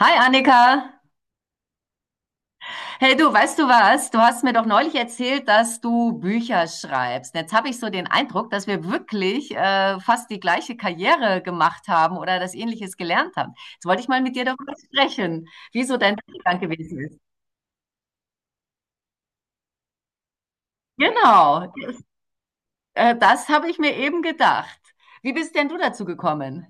Hi Annika. Hey du, weißt du was? Du hast mir doch neulich erzählt, dass du Bücher schreibst. Jetzt habe ich so den Eindruck, dass wir wirklich fast die gleiche Karriere gemacht haben oder das Ähnliches gelernt haben. Jetzt wollte ich mal mit dir darüber sprechen, wie so dein Werdegang gewesen ist. Genau, das habe ich mir eben gedacht. Wie bist denn du dazu gekommen?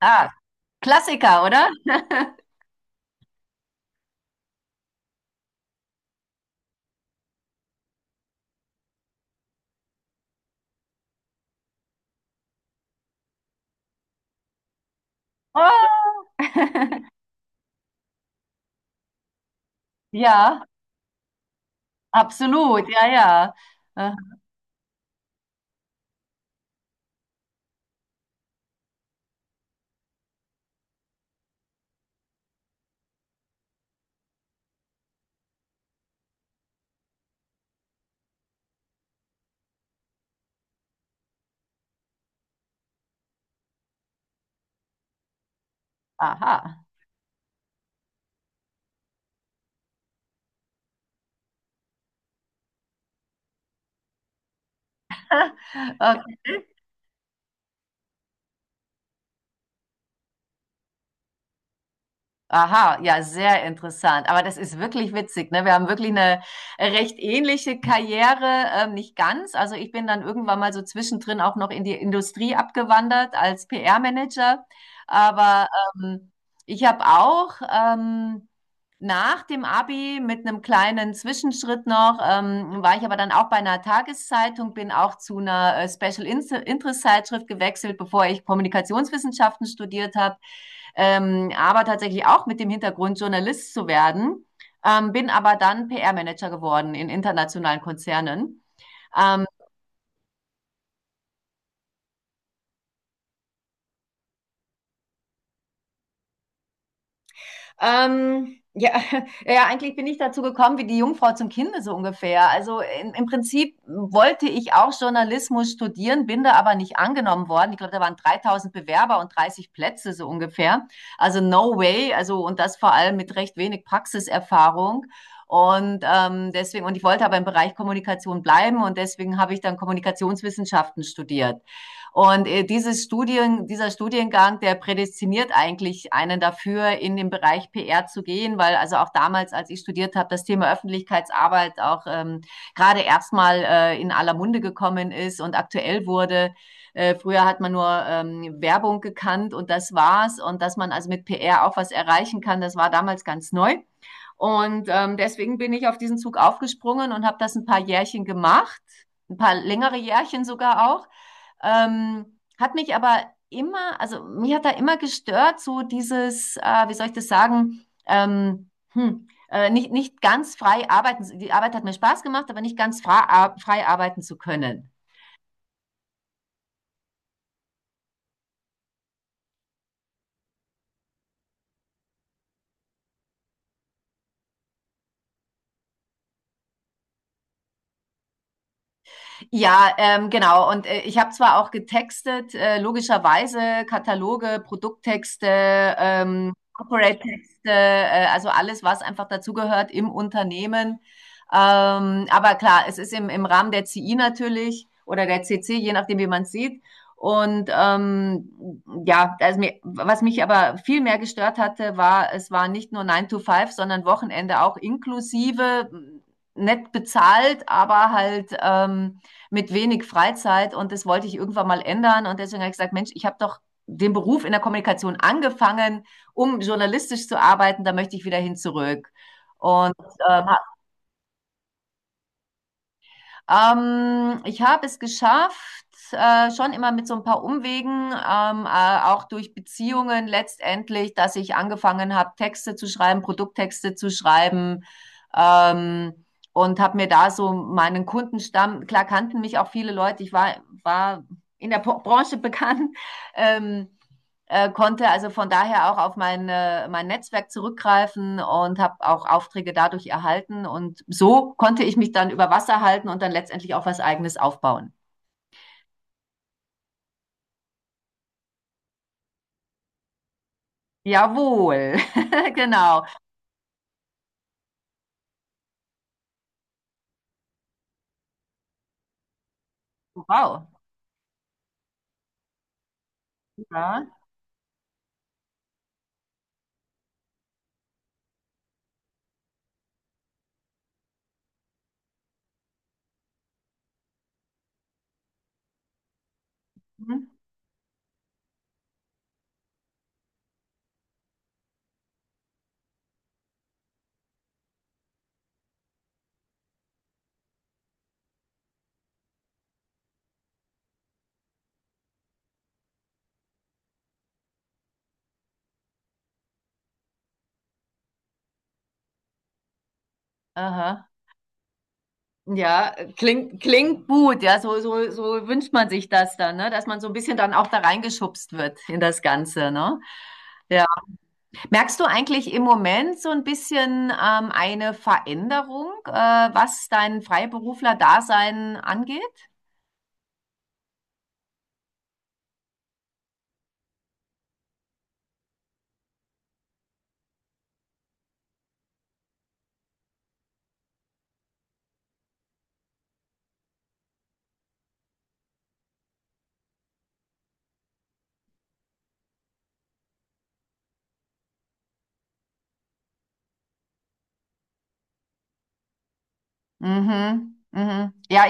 Ah, Klassiker, oder? Oh, ja, absolut, ja, ja. Äh, aha, Aha, ja, sehr interessant. Aber das ist wirklich witzig, ne? Wir haben wirklich eine recht ähnliche Karriere, nicht ganz. Also ich bin dann irgendwann mal so zwischendrin auch noch in die Industrie abgewandert als PR-Manager. Aber ähm, ich habe auch nach dem Abi mit einem kleinen Zwischenschritt noch, war ich aber dann auch bei einer Tageszeitung, bin auch zu einer Special Interest Zeitschrift gewechselt, bevor ich Kommunikationswissenschaften studiert habe, aber tatsächlich auch mit dem Hintergrund, Journalist zu werden, bin aber dann PR-Manager geworden in internationalen Konzernen. Ähm, ja, ja, eigentlich bin ich dazu gekommen wie die Jungfrau zum Kinde so ungefähr. Also im Prinzip wollte ich auch Journalismus studieren, bin da aber nicht angenommen worden. Ich glaube, da waren 3.000 Bewerber und 30 Plätze so ungefähr. Also no way. Also und das vor allem mit recht wenig Praxiserfahrung. Und und ich wollte aber im Bereich Kommunikation bleiben und deswegen habe ich dann Kommunikationswissenschaften studiert. Und dieser Studiengang, der prädestiniert eigentlich einen dafür, in den Bereich PR zu gehen, weil also auch damals, als ich studiert habe, das Thema Öffentlichkeitsarbeit auch gerade erstmal in aller Munde gekommen ist und aktuell wurde. Früher hat man nur Werbung gekannt und das war's. Und dass man also mit PR auch was erreichen kann, das war damals ganz neu. Und deswegen bin ich auf diesen Zug aufgesprungen und habe das ein paar Jährchen gemacht, ein paar längere Jährchen sogar auch. Ähm, hat mich aber immer, also mich hat da immer gestört, so dieses, wie soll ich das sagen, nicht ganz frei arbeiten. Die Arbeit hat mir Spaß gemacht, aber nicht ganz frei arbeiten zu können. Ja, genau. Und ich habe zwar auch getextet, logischerweise Kataloge, Produkttexte, Corporate-Texte, also alles, was einfach dazugehört im Unternehmen. Aber klar, es ist im Rahmen der CI natürlich oder der CC, je nachdem, wie man es sieht. Und ja, also mir, was mich aber viel mehr gestört hatte, war, es war nicht nur 9 to 5, sondern Wochenende auch inklusive, nett bezahlt, aber halt mit wenig Freizeit und das wollte ich irgendwann mal ändern. Und deswegen habe ich gesagt, Mensch, ich habe doch den Beruf in der Kommunikation angefangen, um journalistisch zu arbeiten, da möchte ich wieder hin zurück. Und äh, ich habe es geschafft, schon immer mit so ein paar Umwegen, auch durch Beziehungen letztendlich, dass ich angefangen habe, Texte zu schreiben, Produkttexte zu schreiben. Ähm, und habe mir da so meinen Kundenstamm, klar kannten mich auch viele Leute, war in der Branche bekannt. Ähm, konnte also von daher auch auf mein Netzwerk zurückgreifen und habe auch Aufträge dadurch erhalten. Und so konnte ich mich dann über Wasser halten und dann letztendlich auch was Eigenes aufbauen. Jawohl, genau. Wow. Ja. Mhm. Aha. Ja, klingt gut. So wünscht man sich das dann, ne? Dass man so ein bisschen dann auch da reingeschubst wird in das Ganze. Ne? Ja. Merkst du eigentlich im Moment so ein bisschen eine Veränderung, was dein Freiberufler-Dasein angeht? Mhm, mhm. Ja,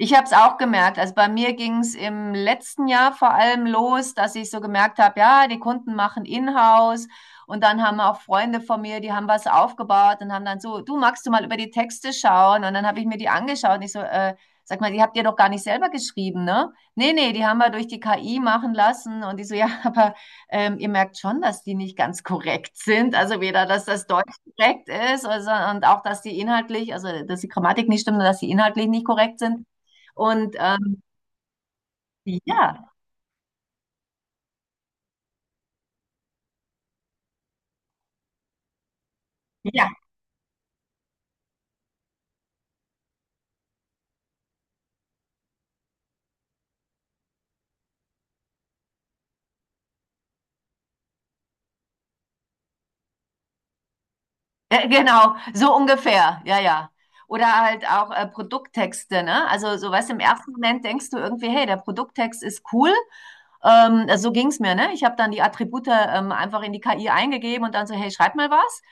ich habe es auch gemerkt. Also bei mir ging es im letzten Jahr vor allem los, dass ich so gemerkt habe, ja, die Kunden machen Inhouse und dann haben auch Freunde von mir, die haben was aufgebaut und haben dann so, du magst du mal über die Texte schauen? Und dann habe ich mir die angeschaut und ich so, sag mal, die habt ihr doch gar nicht selber geschrieben, ne? Nee, nee, die haben wir durch die KI machen lassen und die so, ja, aber ihr merkt schon, dass die nicht ganz korrekt sind. Also weder, dass das Deutsch korrekt ist also, und auch, dass die inhaltlich, also dass die Grammatik nicht stimmt und dass die inhaltlich nicht korrekt sind. Und ja, ja, genau, so ungefähr, ja, ja. Oder halt auch Produkttexte, ne? Also so weißt du, im ersten Moment denkst du irgendwie, hey, der Produkttext ist cool. Also, so ging's mir, ne? Ich habe dann die Attribute einfach in die KI eingegeben und dann so, hey, schreib mal was.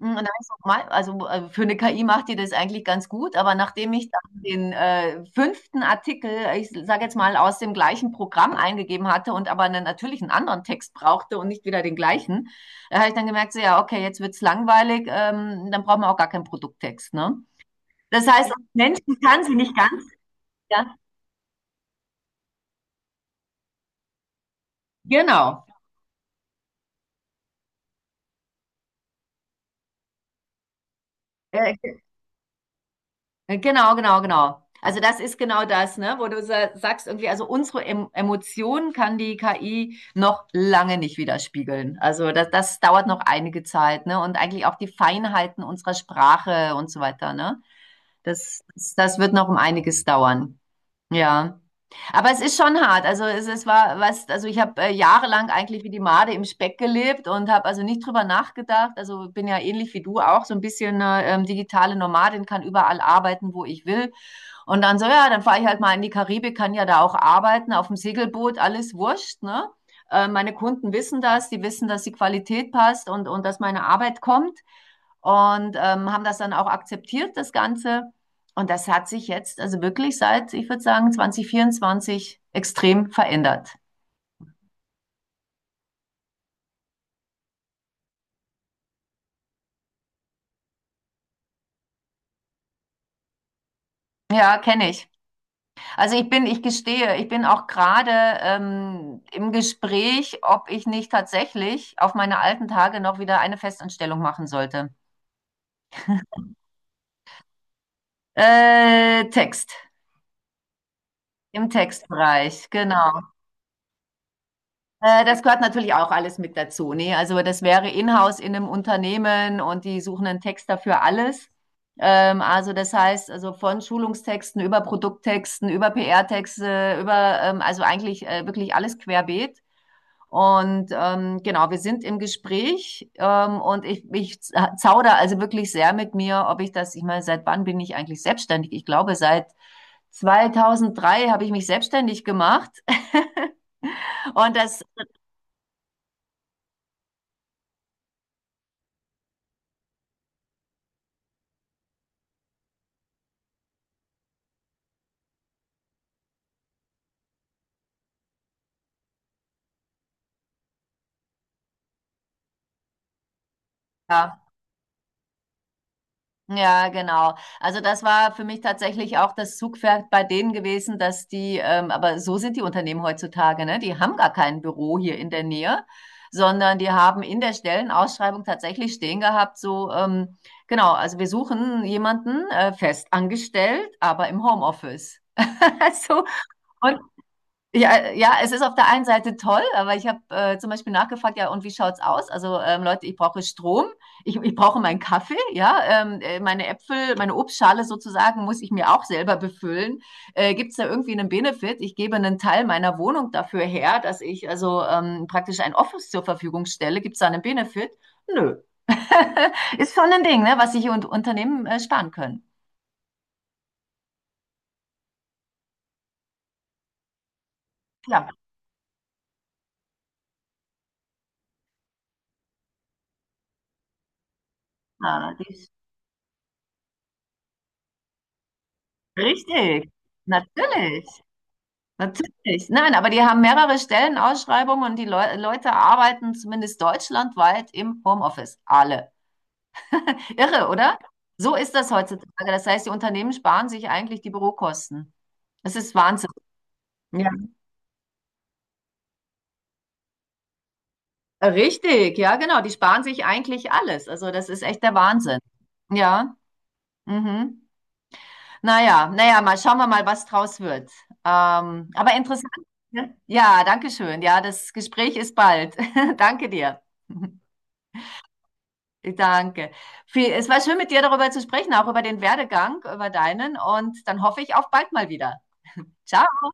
Hm, nein, ist normal. Also für eine KI macht die das eigentlich ganz gut, aber nachdem ich dann den fünften Artikel, ich sage jetzt mal, aus dem gleichen Programm eingegeben hatte und aber einen, natürlich einen anderen Text brauchte und nicht wieder den gleichen, habe ich dann gemerkt, so ja, okay, jetzt wird's langweilig, dann brauchen wir auch gar keinen Produkttext, ne? Das heißt, als Menschen kann sie nicht ganz, ja, genau. Äh, Genau, genau, genau. Also das ist genau das, ne, wo du sagst irgendwie, also unsere Emotionen kann die KI noch lange nicht widerspiegeln. Also das dauert noch einige Zeit, ne, und eigentlich auch die Feinheiten unserer Sprache und so weiter, ne. Das, das wird noch um einiges dauern. Ja. Aber es ist schon hart. Also es war was, also ich habe jahrelang eigentlich wie die Made im Speck gelebt und habe also nicht drüber nachgedacht. Also bin ja ähnlich wie du auch so ein bisschen digitale Nomadin, kann überall arbeiten, wo ich will. Und dann so, ja, dann fahre ich halt mal in die Karibik, kann ja da auch arbeiten, auf dem Segelboot, alles wurscht, ne? Meine Kunden wissen das, die wissen, dass die Qualität passt und dass meine Arbeit kommt und haben das dann auch akzeptiert, das Ganze. Und das hat sich jetzt, also wirklich seit, ich würde sagen, 2024 extrem verändert. Ja, kenne ich. Also ich gestehe, ich bin auch gerade im Gespräch, ob ich nicht tatsächlich auf meine alten Tage noch wieder eine Festanstellung machen sollte. Äh, Text, im Textbereich, genau. Das gehört natürlich auch alles mit dazu, ne? Also, das wäre in-house in einem Unternehmen und die suchen einen Texter für alles. Also, das heißt, also, von Schulungstexten über Produkttexten, über PR-Texte, also, eigentlich, wirklich alles querbeet. Und, genau, wir sind im Gespräch, und ich za zaudere also wirklich sehr mit mir, ob ich das ich meine, seit wann bin ich eigentlich selbstständig? Ich glaube, seit 2003 habe ich mich selbstständig gemacht und das ja. Ja, genau. Also das war für mich tatsächlich auch das Zugpferd bei denen gewesen, dass die, aber so sind die Unternehmen heutzutage, ne? Die haben gar kein Büro hier in der Nähe, sondern die haben in der Stellenausschreibung tatsächlich stehen gehabt, so, genau, also wir suchen jemanden fest angestellt, aber im Homeoffice. Also, und ja, ja, es ist auf der einen Seite toll, aber ich habe zum Beispiel nachgefragt, ja, und wie schaut's aus? Also Leute, ich brauche Strom, ich brauche meinen Kaffee, ja, meine Äpfel, meine Obstschale sozusagen muss ich mir auch selber befüllen. Gibt's da irgendwie einen Benefit? Ich gebe einen Teil meiner Wohnung dafür her, dass ich also praktisch ein Office zur Verfügung stelle. Gibt's da einen Benefit? Nö. Ist schon ein Ding, ne, was sich und Unternehmen sparen können. Ja, ah, die- richtig, natürlich. Natürlich. Nein, aber die haben mehrere Stellenausschreibungen und die Leute arbeiten zumindest deutschlandweit im Homeoffice. Alle. Irre, oder? So ist das heutzutage. Das heißt, die Unternehmen sparen sich eigentlich die Bürokosten. Das ist Wahnsinn. Ja. Richtig, ja, genau. Die sparen sich eigentlich alles. Also das ist echt der Wahnsinn. Ja. Mhm. Naja, naja, mal schauen wir mal, was draus wird. Aber interessant. Ne? Ja, danke schön. Ja, das Gespräch ist bald. Danke dir. Danke. Viel- Es war schön, mit dir darüber zu sprechen, auch über den Werdegang, über deinen. Und dann hoffe ich auf bald mal wieder. Ciao.